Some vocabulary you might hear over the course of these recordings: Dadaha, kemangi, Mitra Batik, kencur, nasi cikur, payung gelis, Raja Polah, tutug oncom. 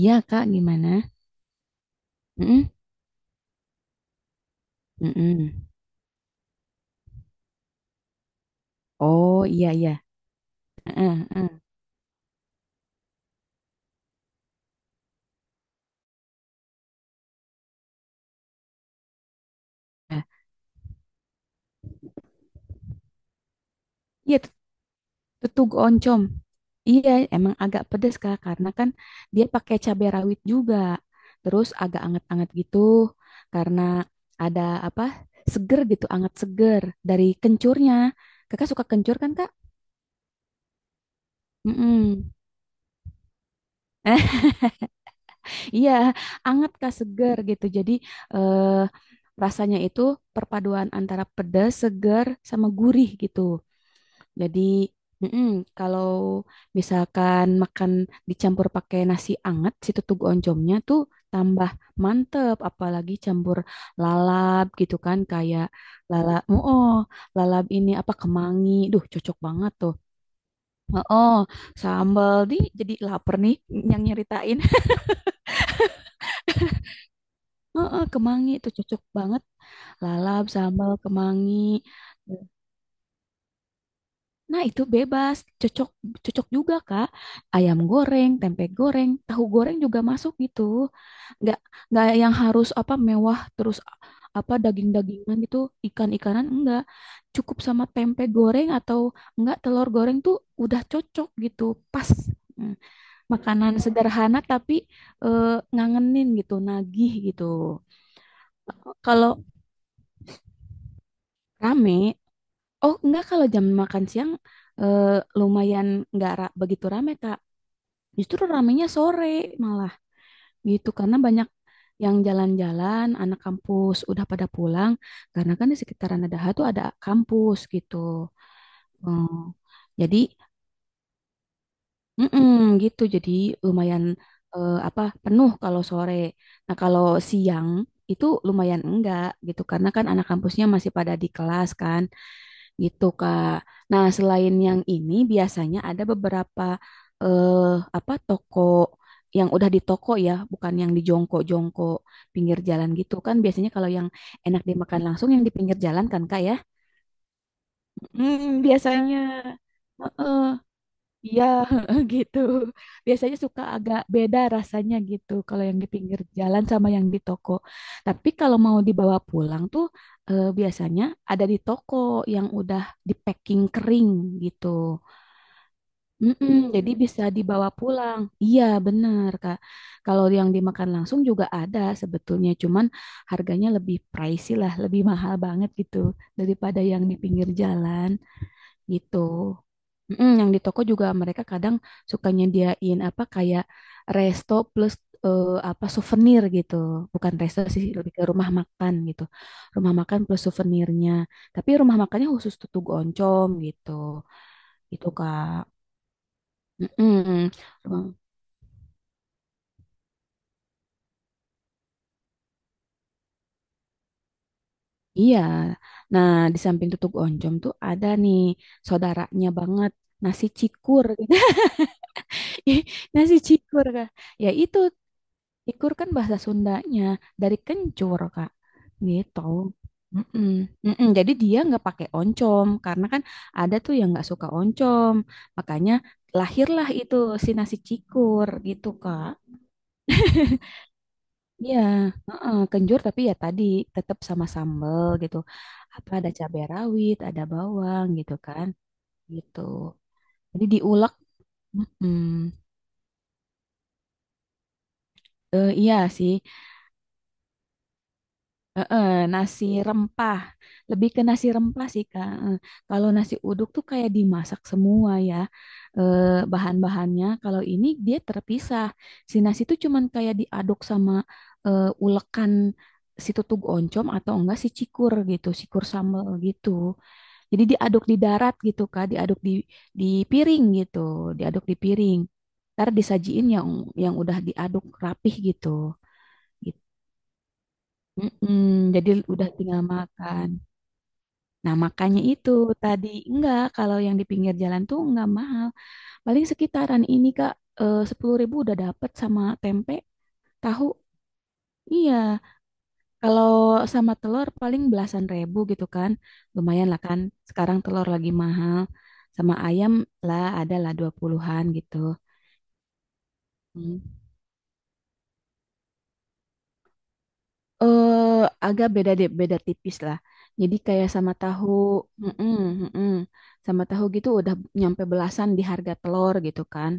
Iya Kak, gimana? Mm-mm, mm-mm. Oh iya iya. Heeh, heeh. Nah, Iya tut- tutug oncom. Iya emang agak pedes Kak karena kan dia pakai cabai rawit juga. Terus agak anget-anget gitu karena ada apa? Seger gitu, anget seger dari kencurnya. Kakak suka kencur kan Kak? Mm-mm. Iya, anget Kak seger gitu. Jadi eh, rasanya itu perpaduan antara pedas, seger sama gurih gitu. Jadi, mm-mm, kalau misalkan makan dicampur pakai nasi anget, si tutug oncomnya tuh tambah mantep, apalagi campur lalap gitu kan, kayak lalap, oh, oh, lalap ini apa kemangi, duh cocok banget tuh. Oh, oh, sambal di jadi lapar nih yang nyeritain. Oh, oh, kemangi tuh cocok banget. Lalap, sambal, kemangi. Nah, itu bebas, cocok cocok juga, Kak. Ayam goreng, tempe goreng, tahu goreng juga masuk gitu. Nggak nggak yang harus apa mewah terus apa daging-dagingan gitu, ikan-ikanan enggak. Cukup sama tempe goreng atau enggak telur goreng tuh udah cocok gitu, pas. Mm. Makanan sederhana tapi ngangenin gitu, nagih gitu. Kalau rame, oh enggak kalau jam makan siang eh, lumayan enggak begitu rame, Kak. Justru ramenya sore malah gitu karena banyak yang jalan-jalan, anak kampus udah pada pulang karena kan di sekitaran Dadaha tuh ada kampus gitu. Hmm, jadi mm-mm, gitu jadi lumayan apa penuh kalau sore. Nah, kalau siang itu lumayan enggak gitu karena kan anak kampusnya masih pada di kelas kan, gitu Kak. Nah, selain yang ini biasanya ada beberapa eh apa toko yang udah di toko ya, bukan yang di jongkok-jongkok pinggir jalan gitu kan. Biasanya kalau yang enak dimakan langsung yang di pinggir jalan kan Kak ya. Hmm, biasanya. Iya, gitu. Biasanya suka agak beda rasanya gitu kalau yang di pinggir jalan sama yang di toko. Tapi kalau mau dibawa pulang tuh biasanya ada di toko yang udah di packing kering gitu. Mm-mm, jadi bisa dibawa pulang. Iya, benar Kak. Kalau yang dimakan langsung juga ada sebetulnya, cuman harganya lebih pricey lah, lebih mahal banget gitu daripada yang di pinggir jalan gitu. Mm, yang di toko juga mereka kadang suka nyediain apa kayak resto plus eh, apa souvenir gitu. Bukan resto sih, lebih ke rumah makan gitu. Rumah makan plus souvenirnya. Tapi rumah makannya khusus tutug oncom gitu. Itu Kak. Mm-mm. Rumah- Iya. Nah, di samping tutug oncom tuh ada nih saudaranya banget nasi cikur. Ih, nasi cikur Kak. Ya itu ikur kan bahasa Sundanya dari kencur, Kak. Gitu. Mm-mm. Mm-mm. Jadi dia nggak pakai oncom karena kan ada tuh yang nggak suka oncom. Makanya lahirlah itu si nasi cikur gitu, Kak. Iya, heeh, kenjur tapi ya tadi tetap sama sambel gitu. Apa ada cabai rawit, ada bawang gitu kan. Gitu. Jadi diulek. Mm. Eh, iya sih, heeh, nasi rempah. Lebih ke nasi rempah sih, Kak. Kalau nasi uduk tuh kayak dimasak semua ya eh, bahan-bahannya. Kalau ini dia terpisah. Si nasi tuh cuman kayak diaduk sama ulekan si tutug oncom atau enggak si cikur gitu, cikur sambal gitu. Jadi diaduk di darat gitu, Kak. Diaduk di di piring gitu, diaduk di piring. Ntar disajiin yang udah diaduk rapih gitu. Mm-mm, jadi udah tinggal makan. Nah, makanya itu tadi enggak kalau yang di pinggir jalan tuh enggak mahal. Paling sekitaran ini Kak 10.000 udah dapet sama tempe, tahu. Iya, kalau sama telur paling belasan ribu gitu kan. Lumayan lah kan. Sekarang telur lagi mahal. Sama ayam lah ada lah dua puluhan gitu. Hmm. eh Agak beda deh, beda tipis lah. Jadi kayak sama tahu, mm-mm, mm-mm. Sama tahu gitu udah nyampe belasan di harga telur gitu kan.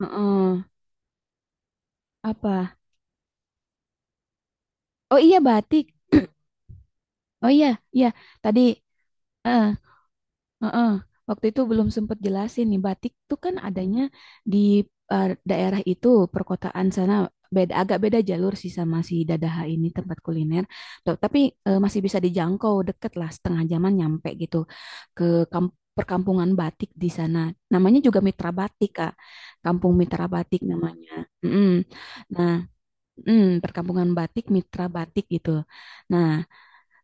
Heeh. Apa? Oh iya batik. Oh iya, iya. Tadi, eh, heeh. Waktu itu belum sempat jelasin nih, batik tuh kan adanya di daerah itu, perkotaan sana beda agak beda jalur sih sama si Dadaha ini tempat kuliner. Tapi masih bisa dijangkau deket lah setengah jaman nyampe gitu ke perkampungan batik di sana. Namanya juga Mitra Batik, Kak. Kampung Mitra Batik namanya. Mm-mm. Nah, perkampungan batik, Mitra Batik gitu. Nah,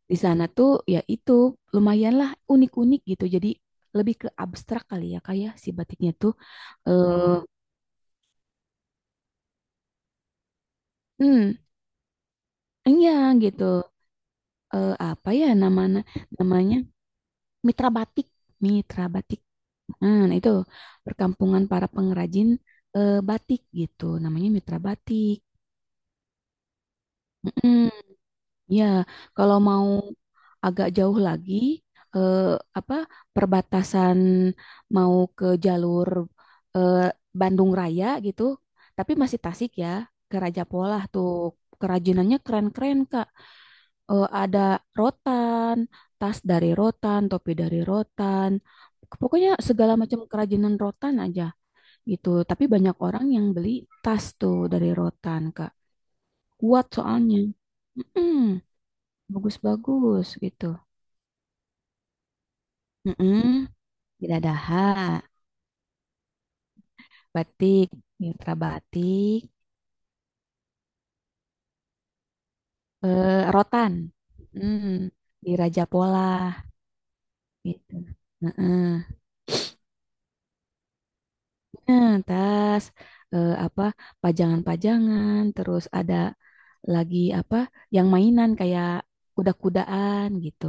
di sana tuh ya itu lumayanlah unik-unik gitu. Jadi lebih ke abstrak kali ya kayak si batiknya tuh eh hmm, iya gitu. Apa ya namanya namanya Mitra Batik. Mitra Batik. Nah, nah, itu perkampungan para pengrajin batik gitu. Namanya Mitra Batik. Mm-mm. Ya, kalau mau agak jauh lagi, eh, apa perbatasan mau ke jalur eh, Bandung Raya gitu, tapi masih Tasik ya, ke Raja Polah tuh kerajinannya keren-keren Kak. Ada rotan, tas dari rotan, topi dari rotan, pokoknya segala macam kerajinan rotan aja gitu. Tapi banyak orang yang beli tas tuh dari rotan Kak, kuat soalnya. Mm-mm, bagus-bagus gitu. Mm-mm. Bidadaha, batik, mitra batik, rotan, mm, di Raja Pola gitu. Heeh. Nah, tas apa pajangan-pajangan, terus ada lagi apa yang mainan kayak kuda-kudaan gitu.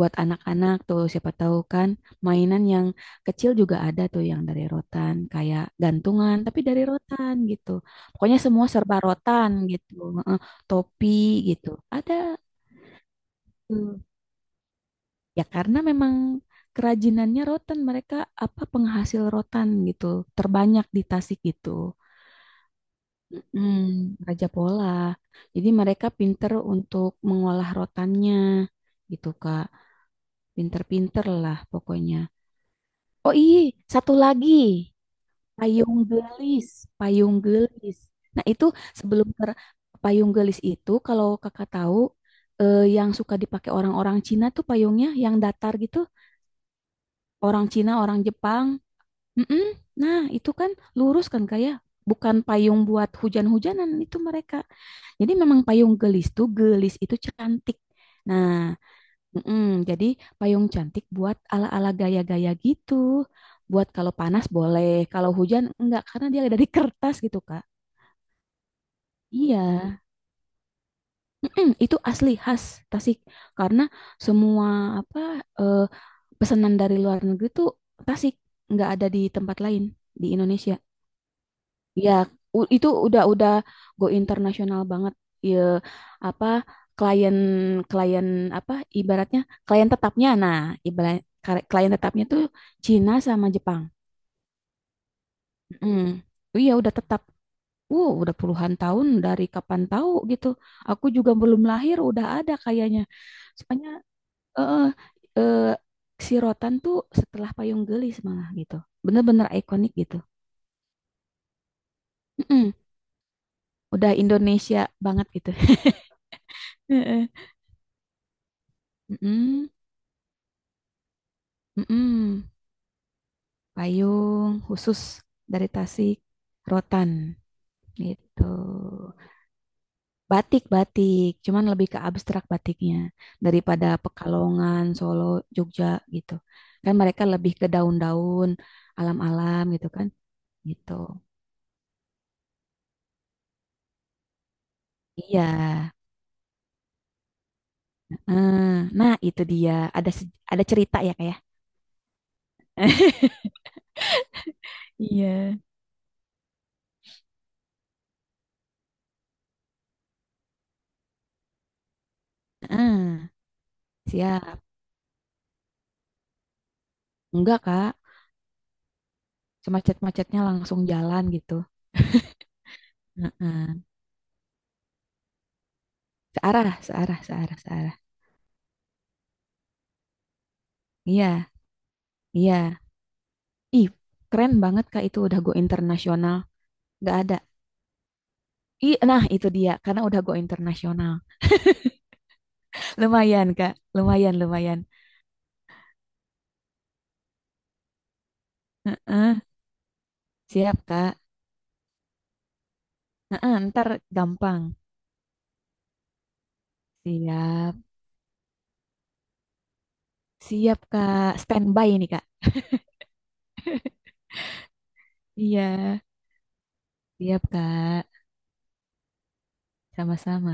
Buat anak-anak tuh siapa tahu kan mainan yang kecil juga ada tuh yang dari rotan kayak gantungan tapi dari rotan gitu, pokoknya semua serba rotan gitu. Heeh, topi gitu ada tuh. Ya karena memang kerajinannya rotan mereka apa penghasil rotan gitu terbanyak di Tasik gitu. Mm, Raja Pola jadi mereka pinter untuk mengolah rotannya gitu Kak, pinter-pinter lah pokoknya. Oh iya, satu lagi. Payung gelis, payung gelis. Nah, itu sebelum payung gelis itu kalau Kakak tahu yang suka dipakai orang-orang Cina tuh payungnya yang datar gitu, orang Cina, orang Jepang. Mm-mm. Nah, itu kan lurus kan kayak bukan payung buat hujan-hujanan itu mereka. Jadi memang payung gelis tuh gelis itu cantik. Nah, Mm-mm, jadi payung cantik buat ala-ala gaya-gaya gitu. Buat kalau panas boleh, kalau hujan enggak karena dia dari kertas gitu, Kak. Iya. Mm-mm, itu asli khas Tasik karena semua apa eh, pesanan dari luar negeri tuh Tasik, nggak ada di tempat lain di Indonesia. Ya, itu udah go internasional banget. Ya, apa klien klien apa ibaratnya klien tetapnya. Nah, ibarat klien tetapnya tuh Cina sama Jepang. Mm. Iya, udah tetap. Wow, udah puluhan tahun dari kapan tahu gitu. Aku juga belum lahir udah ada kayaknya. Soalnya eh eh si Rotan tuh setelah Payung Gelis malah gitu. Bener-bener ikonik gitu. Mm-mm. Udah Indonesia banget gitu. Mm-mm, mm-mm. Payung khusus dari Tasik, rotan gitu. Batik-batik, cuman lebih ke abstrak batiknya daripada Pekalongan, Solo, Jogja gitu. Kan mereka lebih ke daun-daun, alam-alam gitu kan, gitu. Iya. Eh, Nah, itu dia. Ada cerita ya kayak. Iya. Heeh, siap. Enggak, Kak. Semacet-macetnya langsung jalan gitu. Heeh. Searah, searah, searah, searah. Iya, iya. Ih, keren banget Kak itu udah go internasional. Nggak ada. Ih, nah itu dia karena udah go internasional. Lumayan Kak, lumayan, lumayan. Heeh, siap Kak. Heeh, ntar gampang. Siap, siap Kak. Standby nih Kak. Iya, siap Kak. Sama-sama.